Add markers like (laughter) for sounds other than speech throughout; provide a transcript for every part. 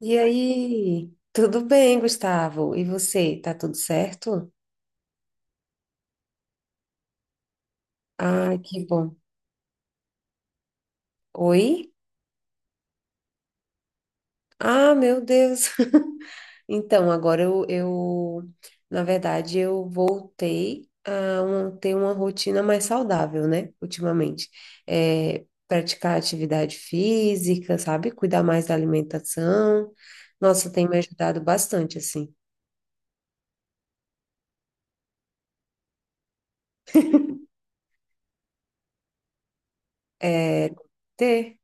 E aí? Tudo bem, Gustavo? E você? Tá tudo certo? Ah, que bom. Oi? Ah, meu Deus. (laughs) Então, agora na verdade, eu voltei a ter uma rotina mais saudável, né? Ultimamente. É, praticar atividade física, sabe? Cuidar mais da alimentação. Nossa, tem me ajudado bastante, assim. É, ter.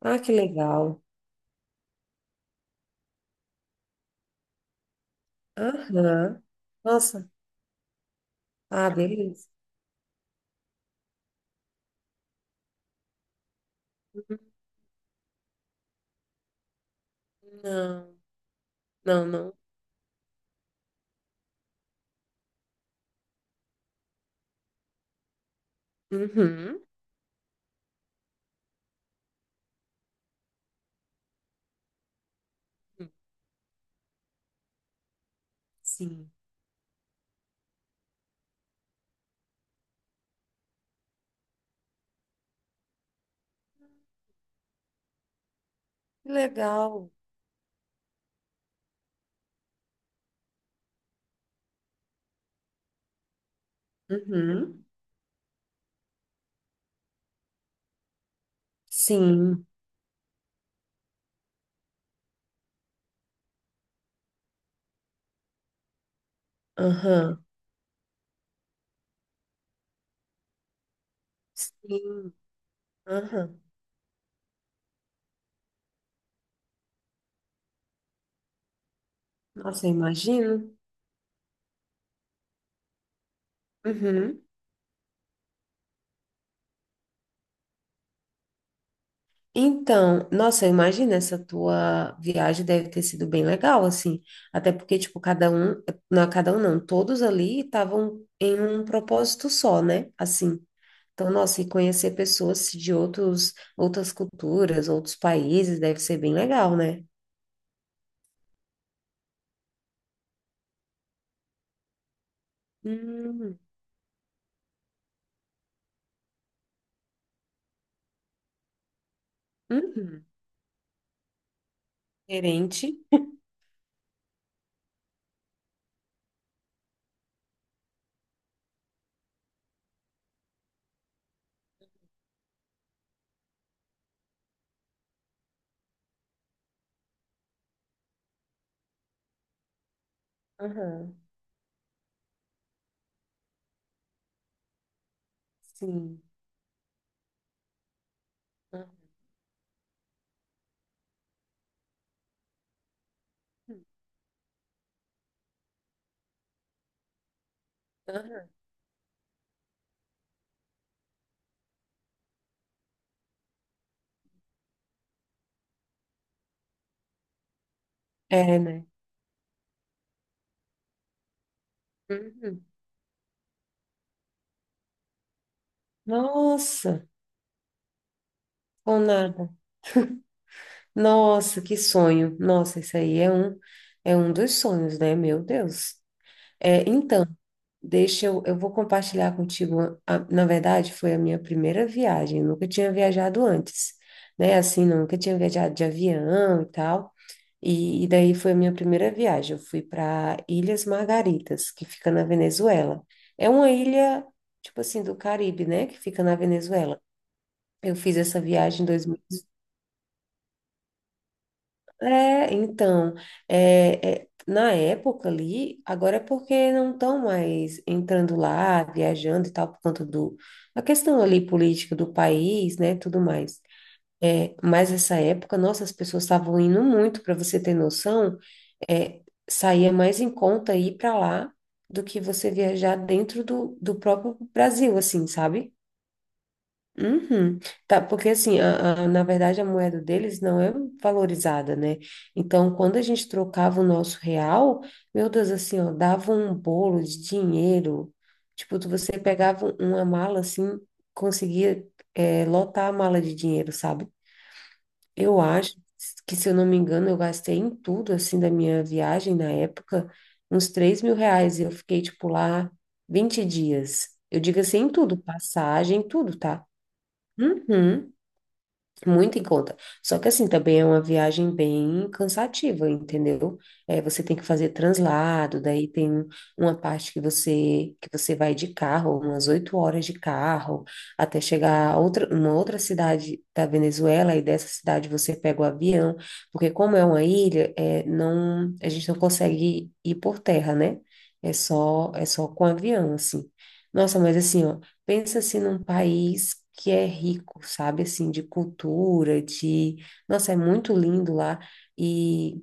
Ah, que legal. Aham. Nossa. Ah, beleza. Não, não, não. Uhum. Sim. Que legal. Uhum. Sim. Aham. Sim. Aham. Nossa, eu imagino. Uhum. Então, nossa, eu imagino essa tua viagem deve ter sido bem legal, assim. Até porque, tipo, cada um, não, é cada um não, todos ali estavam em um propósito só, né? Assim. Então, nossa, e conhecer pessoas de outras culturas, outros países, deve ser bem legal, né? Hum, uhum. Diferente. Aham, sim. Aham, aham. É, né? Uhum. Nossa, com nada. Nossa, que sonho. Nossa, isso aí é um dos sonhos, né? Meu Deus. É, então, deixa eu vou compartilhar contigo. Na verdade, foi a minha primeira viagem. Eu nunca tinha viajado antes, né? Assim, nunca tinha viajado de avião e tal. E daí foi a minha primeira viagem. Eu fui para Ilhas Margaritas, que fica na Venezuela. É uma ilha, tipo assim, do Caribe, né? Que fica na Venezuela. Eu fiz essa viagem em dois mil e. É, então, na época ali, agora é porque não estão mais entrando lá, viajando e tal, por conta a questão ali política do país, né, tudo mais. É, mas essa época, nossa, as pessoas estavam indo muito, para você ter noção, é, saía mais em conta ir para lá do que você viajar dentro do próprio Brasil, assim, sabe? Uhum. Tá, porque assim, na verdade a moeda deles não é valorizada, né? Então, quando a gente trocava o nosso real, meu Deus, assim, ó, dava um bolo de dinheiro. Tipo, você pegava uma mala assim, conseguia, é, lotar a mala de dinheiro, sabe? Eu acho que, se eu não me engano, eu gastei em tudo, assim, da minha viagem na época, uns R$ 3.000. E eu fiquei, tipo, lá 20 dias. Eu digo assim, em tudo, passagem, tudo, tá? Uhum. Muito em conta. Só que assim, também é uma viagem bem cansativa, entendeu? É, você tem que fazer translado, daí tem uma parte que você vai de carro, umas 8 horas de carro, até chegar uma outra cidade da Venezuela, e dessa cidade você pega o avião, porque como é uma ilha, é, não, a gente não consegue ir por terra, né? É só com avião, assim. Nossa, mas assim, ó, pensa assim num país que é rico, sabe, assim, de cultura, de. Nossa, é muito lindo lá e,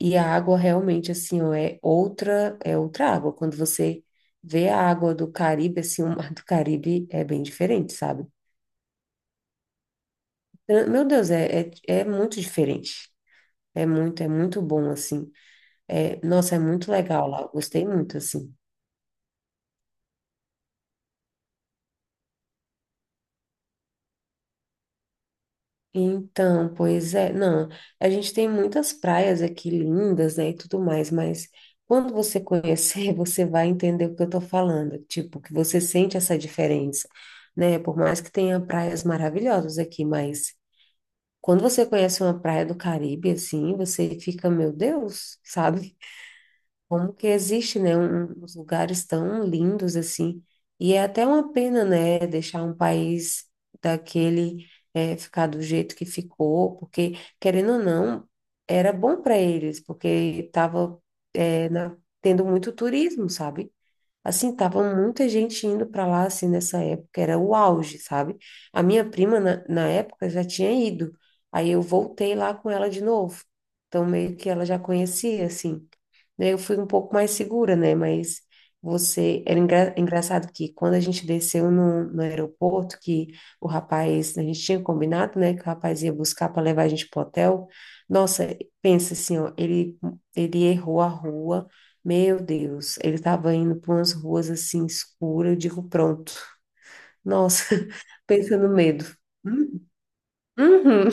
e a água realmente, assim, ó, é outra água. Quando você vê a água do Caribe, assim, o mar do Caribe é bem diferente, sabe? Meu Deus, é muito diferente. É muito bom, assim. É, nossa, é muito legal lá. Gostei muito, assim. Então, pois é, não, a gente tem muitas praias aqui lindas, né, e tudo mais, mas quando você conhecer, (laughs) você vai entender o que eu tô falando, tipo, que você sente essa diferença, né, por mais que tenha praias maravilhosas aqui, mas quando você conhece uma praia do Caribe, assim, você fica, meu Deus, sabe? Como que existe, né, uns lugares tão lindos assim. E é até uma pena, né, deixar um país daquele ficar do jeito que ficou, porque, querendo ou não, era bom para eles, porque estava tendo muito turismo, sabe? Assim, tava muita gente indo para lá, assim, nessa época, era o auge, sabe? A minha prima, na época, já tinha ido, aí eu voltei lá com ela de novo, então meio que ela já conhecia, assim. Daí eu fui um pouco mais segura, né? Mas você, era engraçado que quando a gente desceu no aeroporto, que o rapaz, a gente tinha combinado, né, que o rapaz ia buscar para levar a gente pro hotel, nossa, pensa assim, ó, ele errou a rua, meu Deus, ele estava indo por umas ruas assim escuras, eu digo, pronto. Nossa, (laughs) pensa no medo. Hum, uhum.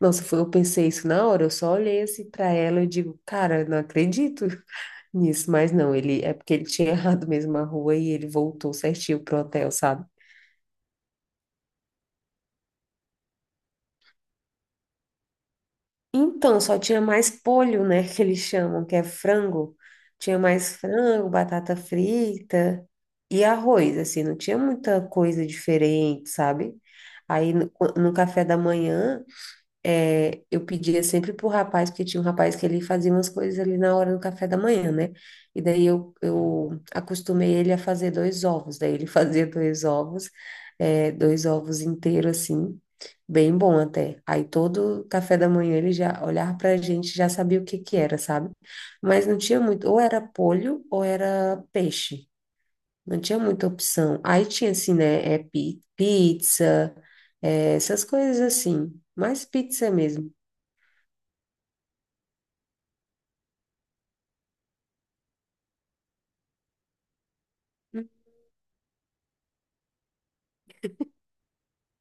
Nossa, eu pensei isso na hora, eu só olhei assim para ela e digo, cara, não acredito (laughs) nisso, mas não, ele é porque ele tinha errado mesmo a rua e ele voltou certinho pro hotel, sabe? Então, só tinha mais polho, né, (laughs) que eles chamam, que é frango. Tinha mais frango, batata frita e arroz, assim, não tinha muita coisa diferente, sabe? Aí no café da manhã. É, eu pedia sempre pro rapaz, porque tinha um rapaz que ele fazia umas coisas ali na hora do café da manhã, né? E daí eu acostumei ele a fazer dois ovos. Daí ele (laughs) fazia dois ovos, dois ovos inteiros assim, bem bom até. Aí todo café da manhã ele já olhava pra gente, e já sabia o que que era, sabe? Mas não tinha muito, ou era polho ou era peixe. Não tinha muita opção. Aí tinha assim, né? É pizza, essas coisas assim. Mais pizza mesmo.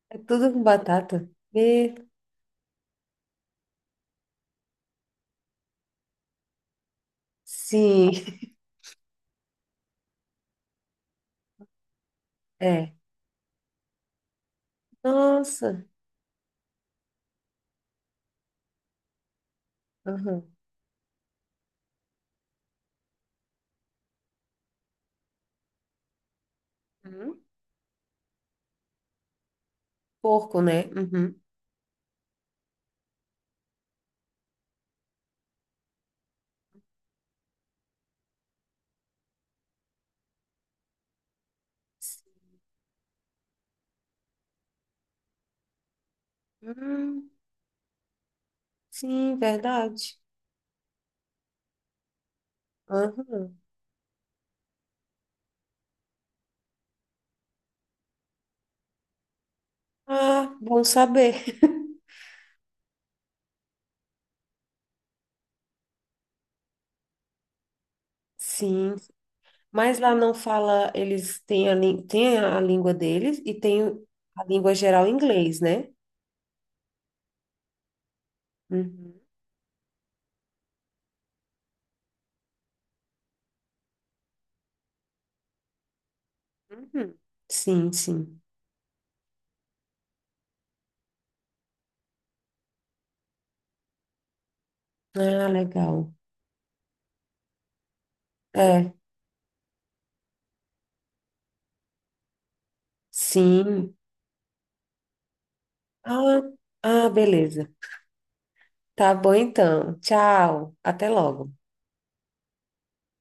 É tudo com batata? E, sim, (laughs) é. Nossa. Aham. Hum? Porco, né? Uhum. Hum, sim, verdade. Aham. Ah, bom saber. (laughs) Sim. Mas lá não fala, eles têm a língua deles e tem a língua geral em inglês, né? Uhum. Uhum. Sim, sim. Ah, legal. É, sim. Ah, ah, beleza. Tá bom então. Tchau. Até logo.